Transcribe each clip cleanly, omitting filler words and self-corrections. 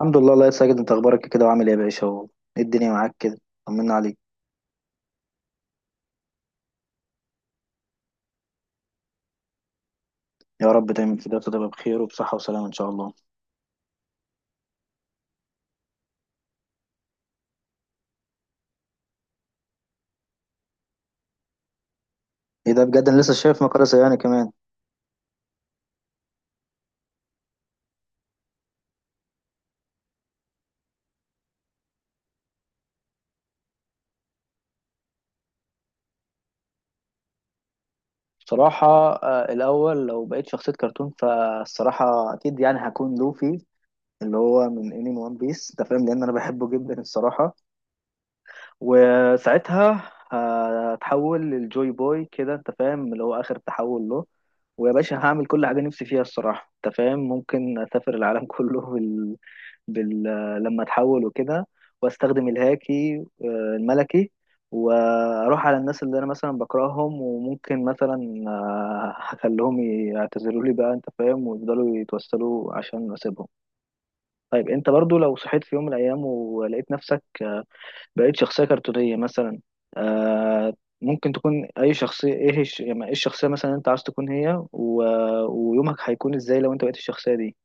الحمد لله. الله يا ساجد، انت اخبارك إيه كده وعامل ايه يا باشا؟ اهو ايه الدنيا معاك كده. طمنا عليك. يا رب دايما كده تبقى بخير وبصحة وسلامة ان شاء الله. ايه ده؟ بجد انا لسه شايف مقالة زيانة كمان. بصراحة الاول لو بقيت شخصية كرتون فالصراحة اكيد يعني هكون لوفي، اللي هو من انمي وان بيس، انت فاهم، لان انا بحبه جدا الصراحة. وساعتها هتحول للجوي بوي كده، انت فاهم، اللي هو اخر تحول له. ويا باشا هعمل كل حاجه نفسي فيها الصراحه، انت فاهم، ممكن اسافر العالم كله بال... لما اتحول وكده، واستخدم الهاكي الملكي، واروح على الناس اللي انا مثلا بكرههم، وممكن مثلا هخليهم يعتذروا لي بقى، انت فاهم، ويفضلوا يتوسلوا عشان اسيبهم. طيب انت برضو لو صحيت في يوم من الايام ولقيت نفسك بقيت شخصية كرتونية مثلا، آه ممكن تكون أي شخصية، إيه يعني إيه الشخصية مثلا اللي أنت عايز تكون هي ويومك هيكون إزاي لو أنت بقيت الشخصية دي؟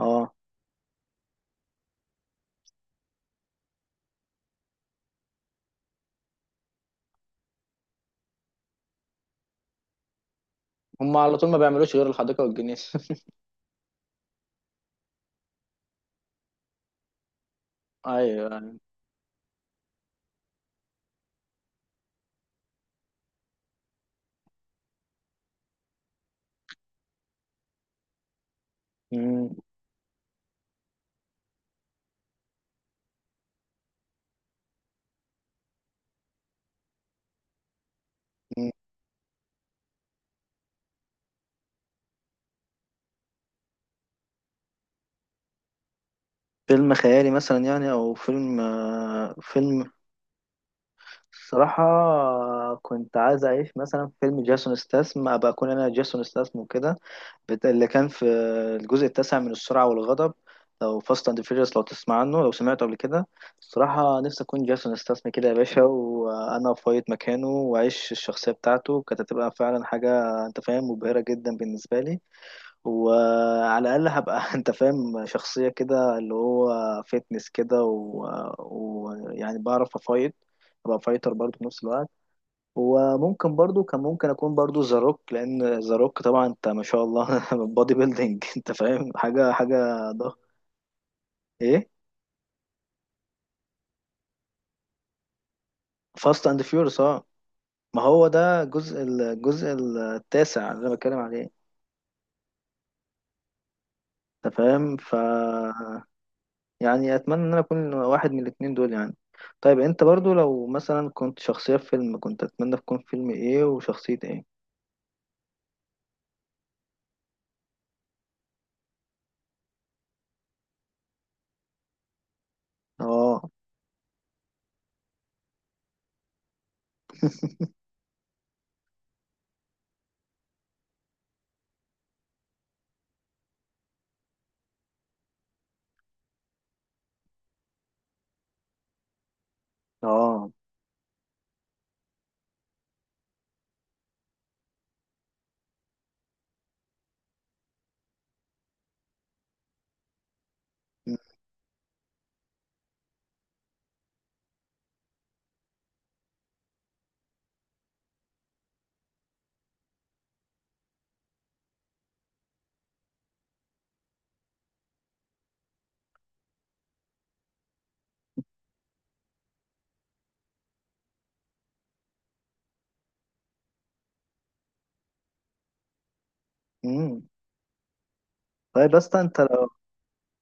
أه. هم على طول ما بيعملوش غير الحديقة والجنينة ايوه. أيوة. مم. مم. فيلم خيالي مثلا، يعني، أو فيلم. صراحة كنت عايز أعيش مثلا في فيلم جاسون ستاثام، أبقى أكون أنا جاسون ستاثام وكده، اللي كان في الجزء التاسع من السرعة والغضب، أو فاست أند فيريوس، لو تسمع عنه، لو سمعته قبل كده. الصراحة نفسي أكون جاسون استسمى كده يا باشا، وأنا أفايض مكانه وأعيش الشخصية بتاعته، كانت هتبقى فعلا حاجة، أنت فاهم، مبهرة جدا بالنسبة لي. وعلى الأقل هبقى أنت فاهم شخصية كده، اللي هو فيتنس كده، ويعني بعرف أفايض، أبقى فايتر برضه في نفس الوقت. وممكن برضو، كان ممكن اكون برضو ذا روك، لان ذا روك طبعا، انت ما شاء الله بادي بيلدينج، انت فاهم، حاجه ضخمه. ايه فاست اند فيورس، اه. ما هو ده الجزء التاسع اللي انا بتكلم عليه، انت فاهم. يعني اتمنى ان انا اكون واحد من الاتنين دول يعني. طيب انت برضو لو مثلا كنت شخصيه في فيلم، كنت اتمنى تكون فيلم ايه وشخصيه ايه؟ اه. اه. م- م. طيب بس انت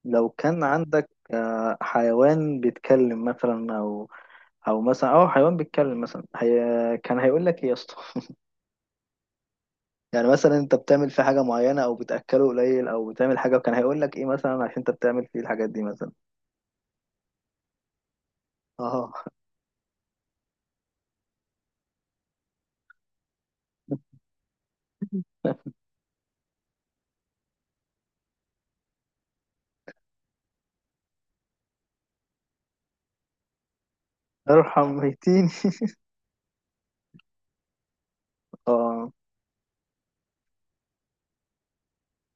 لو كان عندك حيوان بيتكلم مثلا او او مثلا او حيوان بيتكلم مثلا، هي كان هيقول لك ايه يا اسطى؟ يعني مثلا انت بتعمل فيه حاجه معينه، او بتاكله قليل، او بتعمل حاجه، وكان هيقول لك ايه مثلا عشان انت بتعمل فيه الحاجات دي مثلا. اه. ارحم ميتين. اه.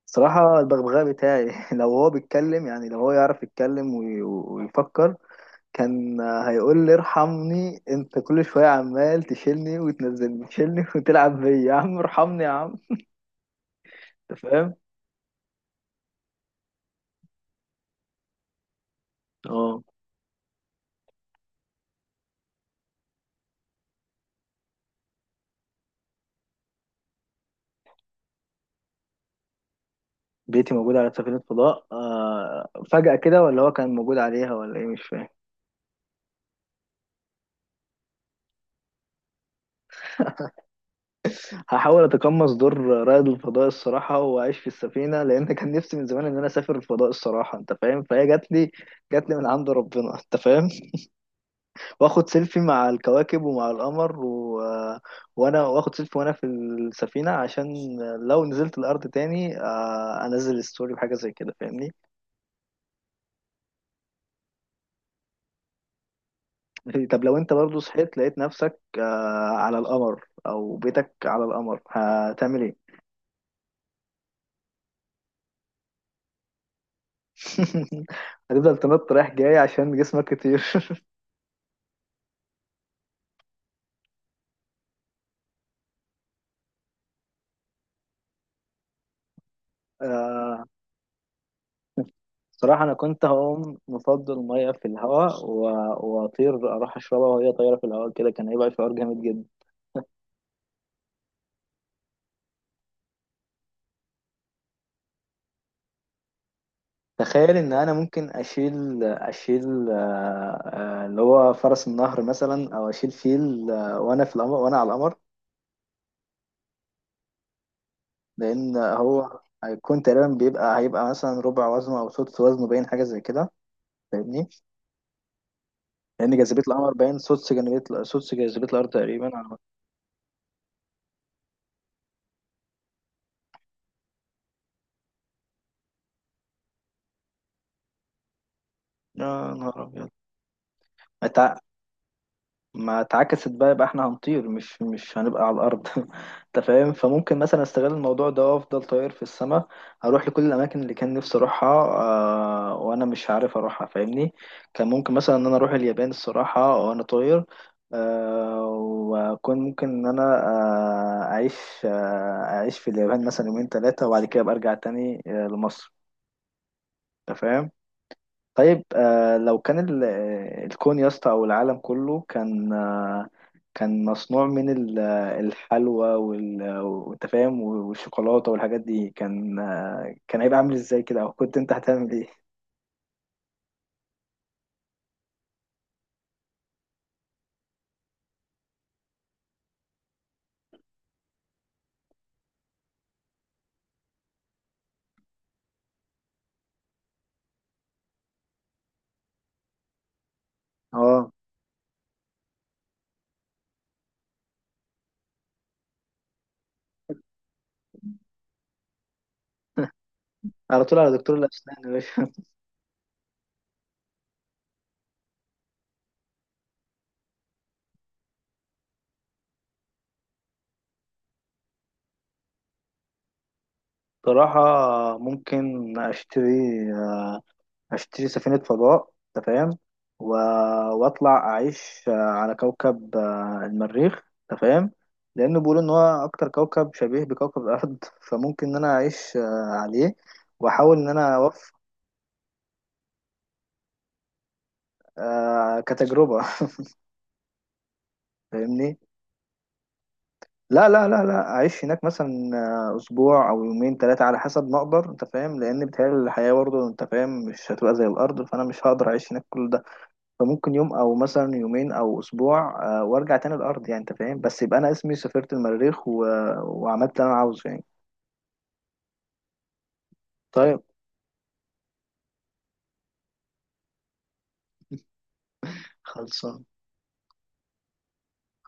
صراحه البغبغاء بتاعي لو هو بيتكلم، يعني لو هو يعرف يتكلم ويفكر، كان هيقول لي ارحمني، انت كل شويه عمال تشيلني وتنزلني تشيلني وتلعب بيا، يا عم ارحمني يا عم، انت فاهم. اه. بيتي موجود على سفينه فضاء فجاه كده، ولا هو كان موجود عليها، ولا ايه؟ مش فاهم. هحاول اتقمص دور رائد الفضاء الصراحه واعيش في السفينه، لان كان نفسي من زمان ان انا اسافر الفضاء الصراحه، انت فاهم، فهي جات لي، جات لي من عند ربنا، انت فاهم. واخد سيلفي مع الكواكب ومع القمر، وانا واخد سيلفي وانا في السفينة، عشان لو نزلت الارض تاني انزل ستوري بحاجة زي كده، فاهمني. طب لو انت برضو صحيت لقيت نفسك على القمر، او بيتك على القمر، هتعمل ايه؟ هتفضل تنط رايح جاي عشان جسمك كتير آه، صراحة أنا كنت هقوم مفضل مية في الهواء وأطير أروح أشربها وهي طايرة في الهواء كده، كان هيبقى شعور جامد. تخيل ان انا ممكن اشيل اللي هو فرس النهر مثلا، او اشيل فيل وانا في القمر، وانا على القمر، لان هو هيكون تقريبا هيبقى مثلا ربع وزنه او سدس وزنه، باين حاجه زي كده، فاهمني. لان جاذبيه القمر باين سدس جاذبيه الارض تقريبا. على ما- يا نهار ابيض، انت ما اتعكست بقى، يبقى احنا هنطير، مش هنبقى على الارض انت فاهم، فممكن مثلا استغل الموضوع ده وافضل طاير في السماء، اروح لكل الاماكن اللي كان نفسي اروحها وانا مش عارف اروحها، فاهمني. كان ممكن مثلا ان انا اروح اليابان الصراحه وانا طاير، آه واكون ممكن ان انا اعيش في اليابان مثلا يومين ثلاثه، وبعد كده ابقى ارجع تاني لمصر، انت فاهم. طيب لو كان الكون يا اسطى، او العالم كله، كان مصنوع من الحلوى، وانت فاهم، والشوكولاته والحاجات دي، كان هيبقى عامل ازاي كده، او كنت انت هتعمل ايه؟ اه. على طول على دكتور الاسنان يا باشا. بصراحه ممكن اشتري آه، هشتري سفينة فضاء، انت فاهم، و... واطلع اعيش على كوكب المريخ، انت فاهم، لانه بيقولوا ان هو اكتر كوكب شبيه بكوكب الارض فممكن ان انا اعيش عليه، واحاول ان انا اوفق كتجربة. فاهمني، لا لا لا لا، اعيش هناك مثلا اسبوع او يومين ثلاثة على حسب ما اقدر، انت فاهم، لان بتهيألي الحياة برضه، انت فاهم، مش هتبقى زي الارض، فانا مش هقدر اعيش هناك كل ده، فممكن يوم او مثلا يومين او اسبوع وارجع تاني الارض يعني، انت فاهم، بس يبقى انا اسمي سافرت المريخ، وعملت اللي انا عاوزه يعني. طيب، خلصان.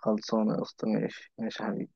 خلصانه يا اسطى، ماشي ماشي يا حبيبي.